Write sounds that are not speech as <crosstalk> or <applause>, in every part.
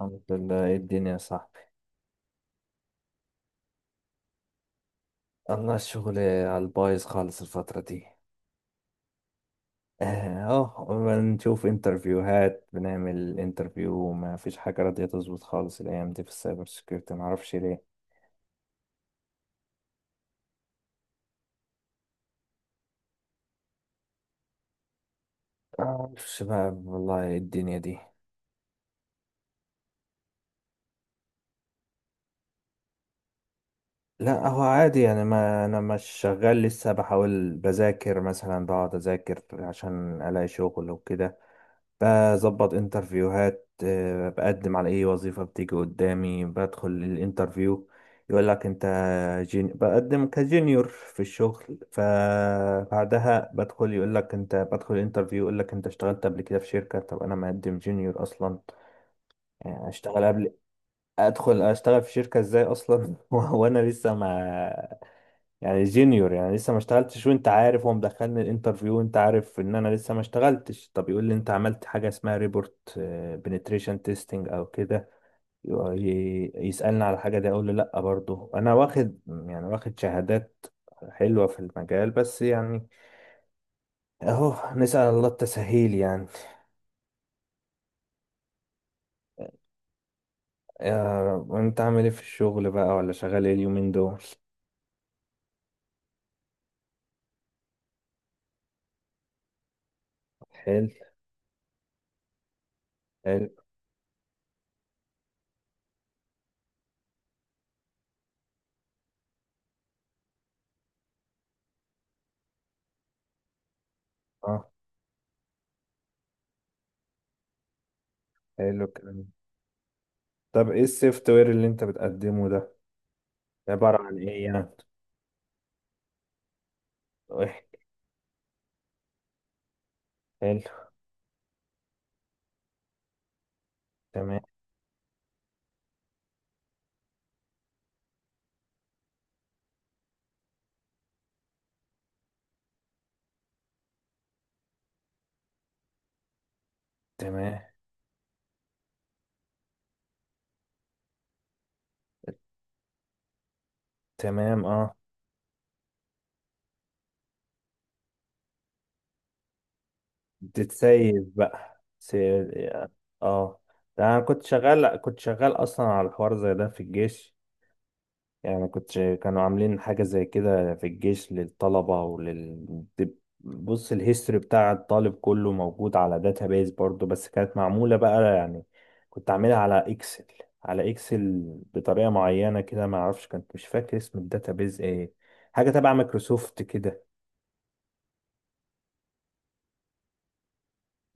الحمد لله. إيه الدنيا يا صاحبي؟ الله، الشغل على البايظ خالص الفترة دي. اه، بنشوف انترفيوهات، بنعمل انترفيو، ما فيش حاجة راضية تظبط خالص الأيام دي في السايبر سيكيورتي، معرفش ليه. معرفش بقى، والله إيه الدنيا دي. لا، هو عادي يعني، ما أنا مش شغال لسه، بحاول بذاكر مثلا، بقعد أذاكر عشان ألاقي شغل وكده. بظبط انترفيوهات، بقدم على اي وظيفة بتيجي قدامي، بدخل الانترفيو يقول لك انت، بقدم كجونيور في الشغل، فبعدها بدخل يقول لك انت، بدخل الانترفيو يقول لك انت اشتغلت قبل كده في شركة، طب انا مقدم جونيور اصلا. اشتغل قبل، ادخل اشتغل في شركة ازاي اصلا؟ <laughs> وانا لسه ما، يعني جينيور، يعني لسه ما اشتغلتش، وانت عارف، هو مدخلني الانترفيو وانت عارف ان انا لسه ما اشتغلتش، طب يقول لي انت عملت حاجه اسمها ريبورت بنتريشن تيستنج او كده، يسالني على حاجه دي، اقول له لا، برضه انا واخد يعني واخد شهادات حلوه في المجال، بس يعني اهو، نسال الله التسهيل يعني. وانت عامل ايه في الشغل بقى، ولا شغال ايه اليومين دول؟ حلو. حلو. اه. حلو الكلام ده. طب ايه السوفت وير اللي انت بتقدمه ده؟ عباره عن ايه يعني؟ حلو. تمام. تمام. تمام. اه. بتتسيب بقى، سيب. اه. ده انا كنت شغال اصلا على حوار زي ده في الجيش، يعني كانوا عاملين حاجة زي كده في الجيش للطلبة بص، الهيستوري بتاع الطالب كله موجود على داتابيز برضو، بس كانت معمولة بقى يعني، كنت عاملها على اكسل، على اكسل بطريقة معينة كده، ما اعرفش، كنت مش فاكر اسم الداتابيز ايه، حاجة تبع مايكروسوفت كده.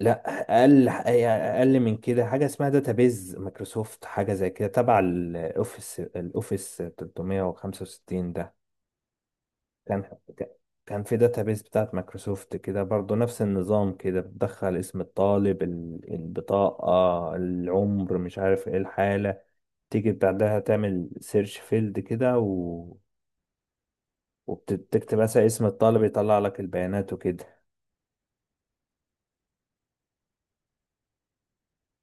لا، اقل من كده، حاجه اسمها داتابيز مايكروسوفت، حاجه زي كده تبع الاوفيس 365 ده. كان كان في داتابيز بتاعت مايكروسوفت كده برضو، نفس النظام، كده بتدخل اسم الطالب، البطاقه، العمر، مش عارف ايه، الحاله، تيجي بعدها تعمل سيرش فيلد كده وبتكتب مثلا اسم الطالب، يطلع لك البيانات وكده.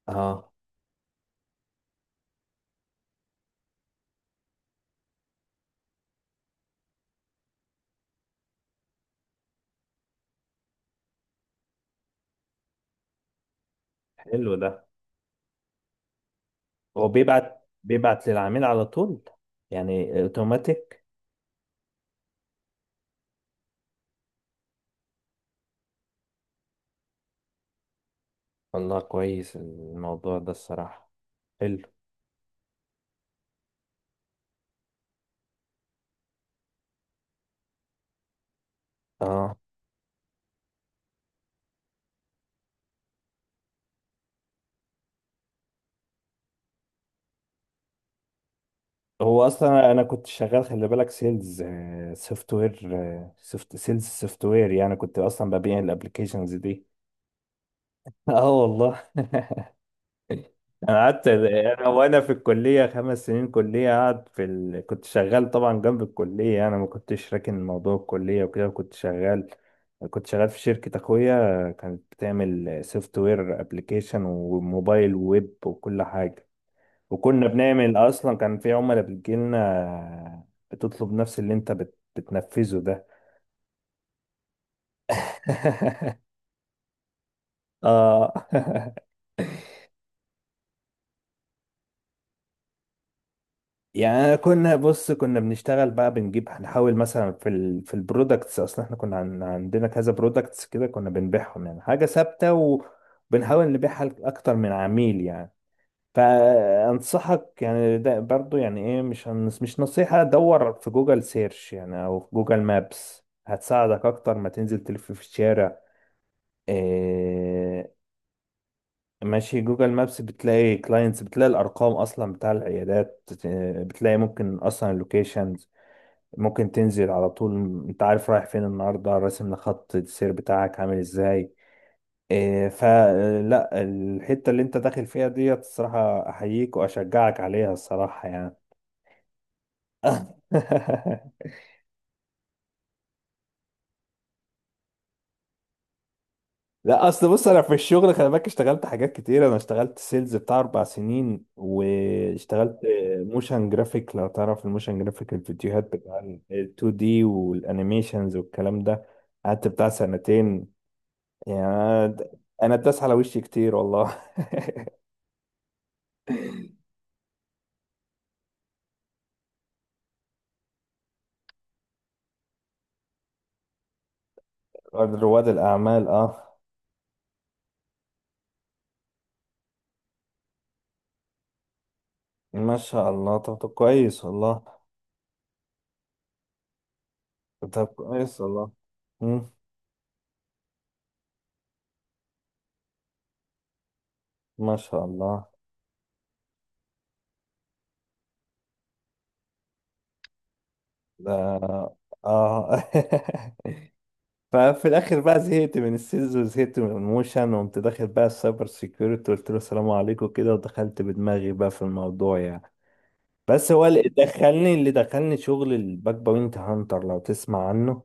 اه. حلو ده. هو بيبعت للعميل على طول، يعني اوتوماتيك. والله كويس الموضوع ده الصراحة. حلو. اه. هو اصلا انا كنت شغال، خلي بالك، سيلز سوفت وير، سوفت سيلز سوفت وير، يعني كنت اصلا ببيع الابلكيشنز دي. <laughs> اه والله <laughs> انا قعدت، انا وانا في الكليه خمس سنين كليه، قاعد في كنت شغال طبعا جنب الكليه، انا ما كنتش راكن موضوع الكليه وكده، كنت شغال، كنت شغال في شركه اخويا كانت بتعمل سوفت وير ابلكيشن وموبايل ويب وكل حاجه، وكنا بنعمل اصلا، كان في عملاء بتجيلنا بتطلب نفس اللي انت بتنفذه ده. <laughs> اه <laughs> يعني أنا، كنا بص كنا بنشتغل بقى، بنجيب هنحاول مثلا في البرودكتس، اصلا احنا كنا عن عندنا كذا برودكتس كده، كنا بنبيعهم يعني حاجه ثابته، وبنحاول نبيعها لاكتر من عميل يعني. فانصحك يعني، ده برضو يعني ايه، مش نصيحه، دور في جوجل سيرش يعني، او في جوجل مابس، هتساعدك اكتر ما تنزل تلف في الشارع. إيه، ماشي، جوجل مابس بتلاقي كلاينتس، بتلاقي الارقام اصلا بتاع العيادات، بتلاقي ممكن اصلا اللوكيشن، ممكن تنزل على طول، انت عارف رايح فين النهارده، راسم خط السير بتاعك عامل ازاي. فلا، الحتة اللي انت داخل فيها ديت، الصراحة احييك واشجعك عليها الصراحة يعني. <laughs> لا، اصل بص، انا في الشغل، خلي بالك اشتغلت حاجات كتير، انا اشتغلت سيلز بتاع اربع سنين، واشتغلت موشن جرافيك، لو تعرف الموشن جرافيك، الفيديوهات بتاع ال 2 دي والانيميشنز والكلام ده، قعدت بتاع سنتين، يعني أنا، أنا الداس على وشي كتير والله. <laughs> رواد الأعمال أه. ما شاء الله. طب كويس والله. طب كويس والله. مم. ما شاء الله ده. آه <laughs> ففي الآخر بقى زهقت من السيلز وزهقت من الموشن، وقمت داخل بقى السايبر سيكيورتي، قلت له السلام عليكم كده، ودخلت بدماغي بقى في الموضوع يعني. بس هو اللي دخلني شغل الباك بوينت هانتر، لو تسمع عنه.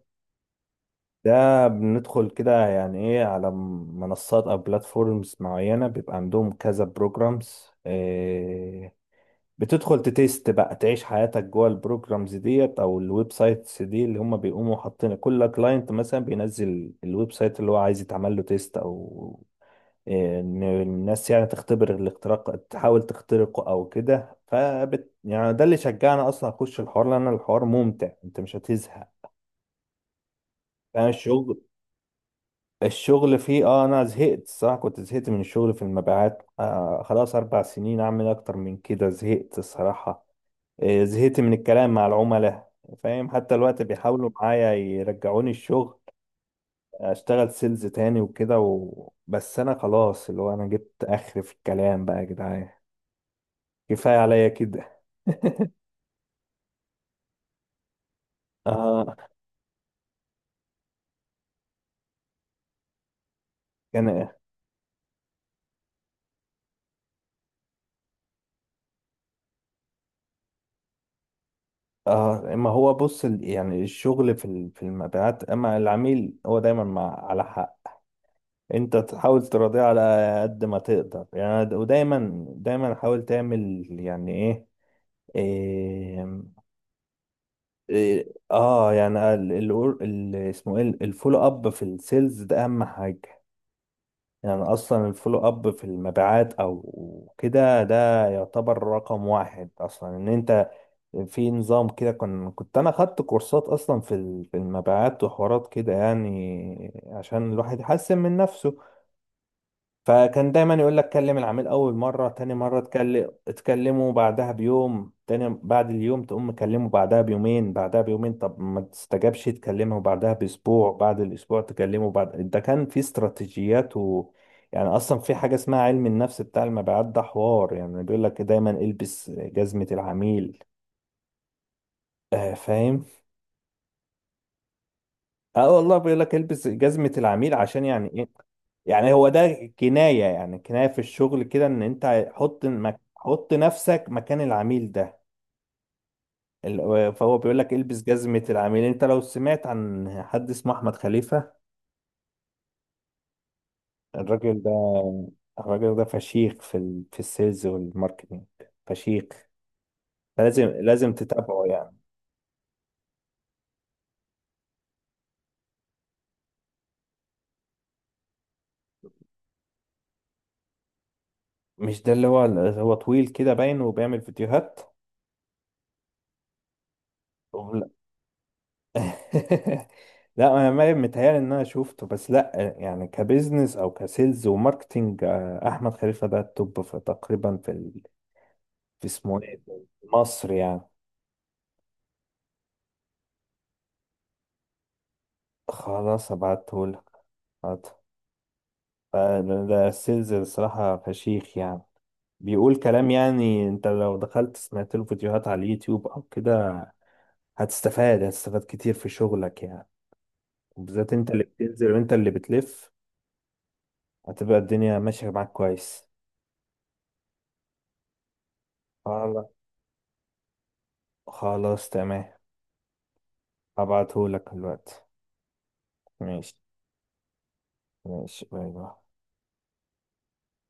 ده بندخل كده يعني ايه، على منصات او بلاتفورمز معينة، بيبقى عندهم كذا بروجرامز، بتدخل تتست بقى، تعيش حياتك جوه البروجرامز ديت او الويب سايتس دي، اللي هم بيقوموا حاطين كل كلاينت مثلا بينزل الويب سايت اللي هو عايز يتعمل له تيست، او ان الناس يعني تختبر الاختراق، تحاول تخترقه او كده، فبت يعني ده اللي شجعنا اصلا اخش الحوار، لان الحوار ممتع، انت مش هتزهق، فاهم الشغل. الشغل فيه اه، انا زهقت الصراحه، كنت زهقت من الشغل في المبيعات، خلاص اربع سنين، اعمل اكتر من كده، زهقت الصراحه، زهقت من الكلام مع العملاء، فاهم، حتى الوقت بيحاولوا معايا يرجعوني الشغل، اشتغل سيلز تاني وكده بس انا خلاص، اللي هو انا جبت اخر في الكلام بقى يا جدعان، كفايه عليا كده. <laughs> آه. كان ما هو بص، يعني الشغل في المبيعات، اما العميل هو دايما مع على حق، انت تحاول تراضيه على قد ما تقدر يعني، ودايما دايما حاول تعمل يعني ايه، إيه, إيه اه يعني، اسمه ايه الفولو اب في السيلز ده، اهم حاجة يعني، اصلا الفولو اب في المبيعات او كده، ده يعتبر رقم واحد اصلا، ان انت في نظام كده، كنت انا خدت كورسات اصلا في المبيعات وحوارات كده، يعني عشان الواحد يحسن من نفسه، فكان دايما يقول لك، كلم العميل اول مره، تاني مره تكلمه بعدها بيوم، تاني بعد اليوم تقوم مكلمه بعدها بيومين، بعدها بيومين طب ما تستجابش تكلمه بعدها باسبوع، بعد الاسبوع تكلمه بعد، ده كان في استراتيجيات يعني اصلا في حاجه اسمها علم النفس بتاع المبيعات، ده حوار يعني بيقول لك دايما، البس جزمه العميل. آه، فاهم. اه والله، بيقول لك البس جزمة العميل، عشان يعني ايه، يعني هو ده كناية، يعني كناية في الشغل كده، ان انت حط حط نفسك مكان العميل ده، فهو بيقول لك البس جزمة العميل. انت لو سمعت عن حد اسمه احمد خليفة، الراجل ده، الراجل ده فشيخ في السيلز والماركتينج، فشيخ، لازم لازم تتابعه يعني. مش ده اللي هو، هو طويل كده باين وبيعمل فيديوهات؟ <laughs> لا، انا ما متهيألي ان انا شفته، بس لا يعني كبزنس او كسيلز وماركتينج، احمد خليفه ده التوب في تقريبا، في اسمه ايه ده؟ مصر يعني. خلاص ابعته لك. ده السيلز الصراحه، فشيخ يعني، بيقول كلام، يعني انت لو دخلت سمعت له فيديوهات على اليوتيوب او كده هتستفاد، كتير في شغلك يعني، وبالذات انت اللي بتنزل وانت اللي بتلف، هتبقى الدنيا ماشيه معاك كويس. خلاص. خلاص. تمام. هبعتهولك دلوقتي. ماشي. ماشي. باي باي.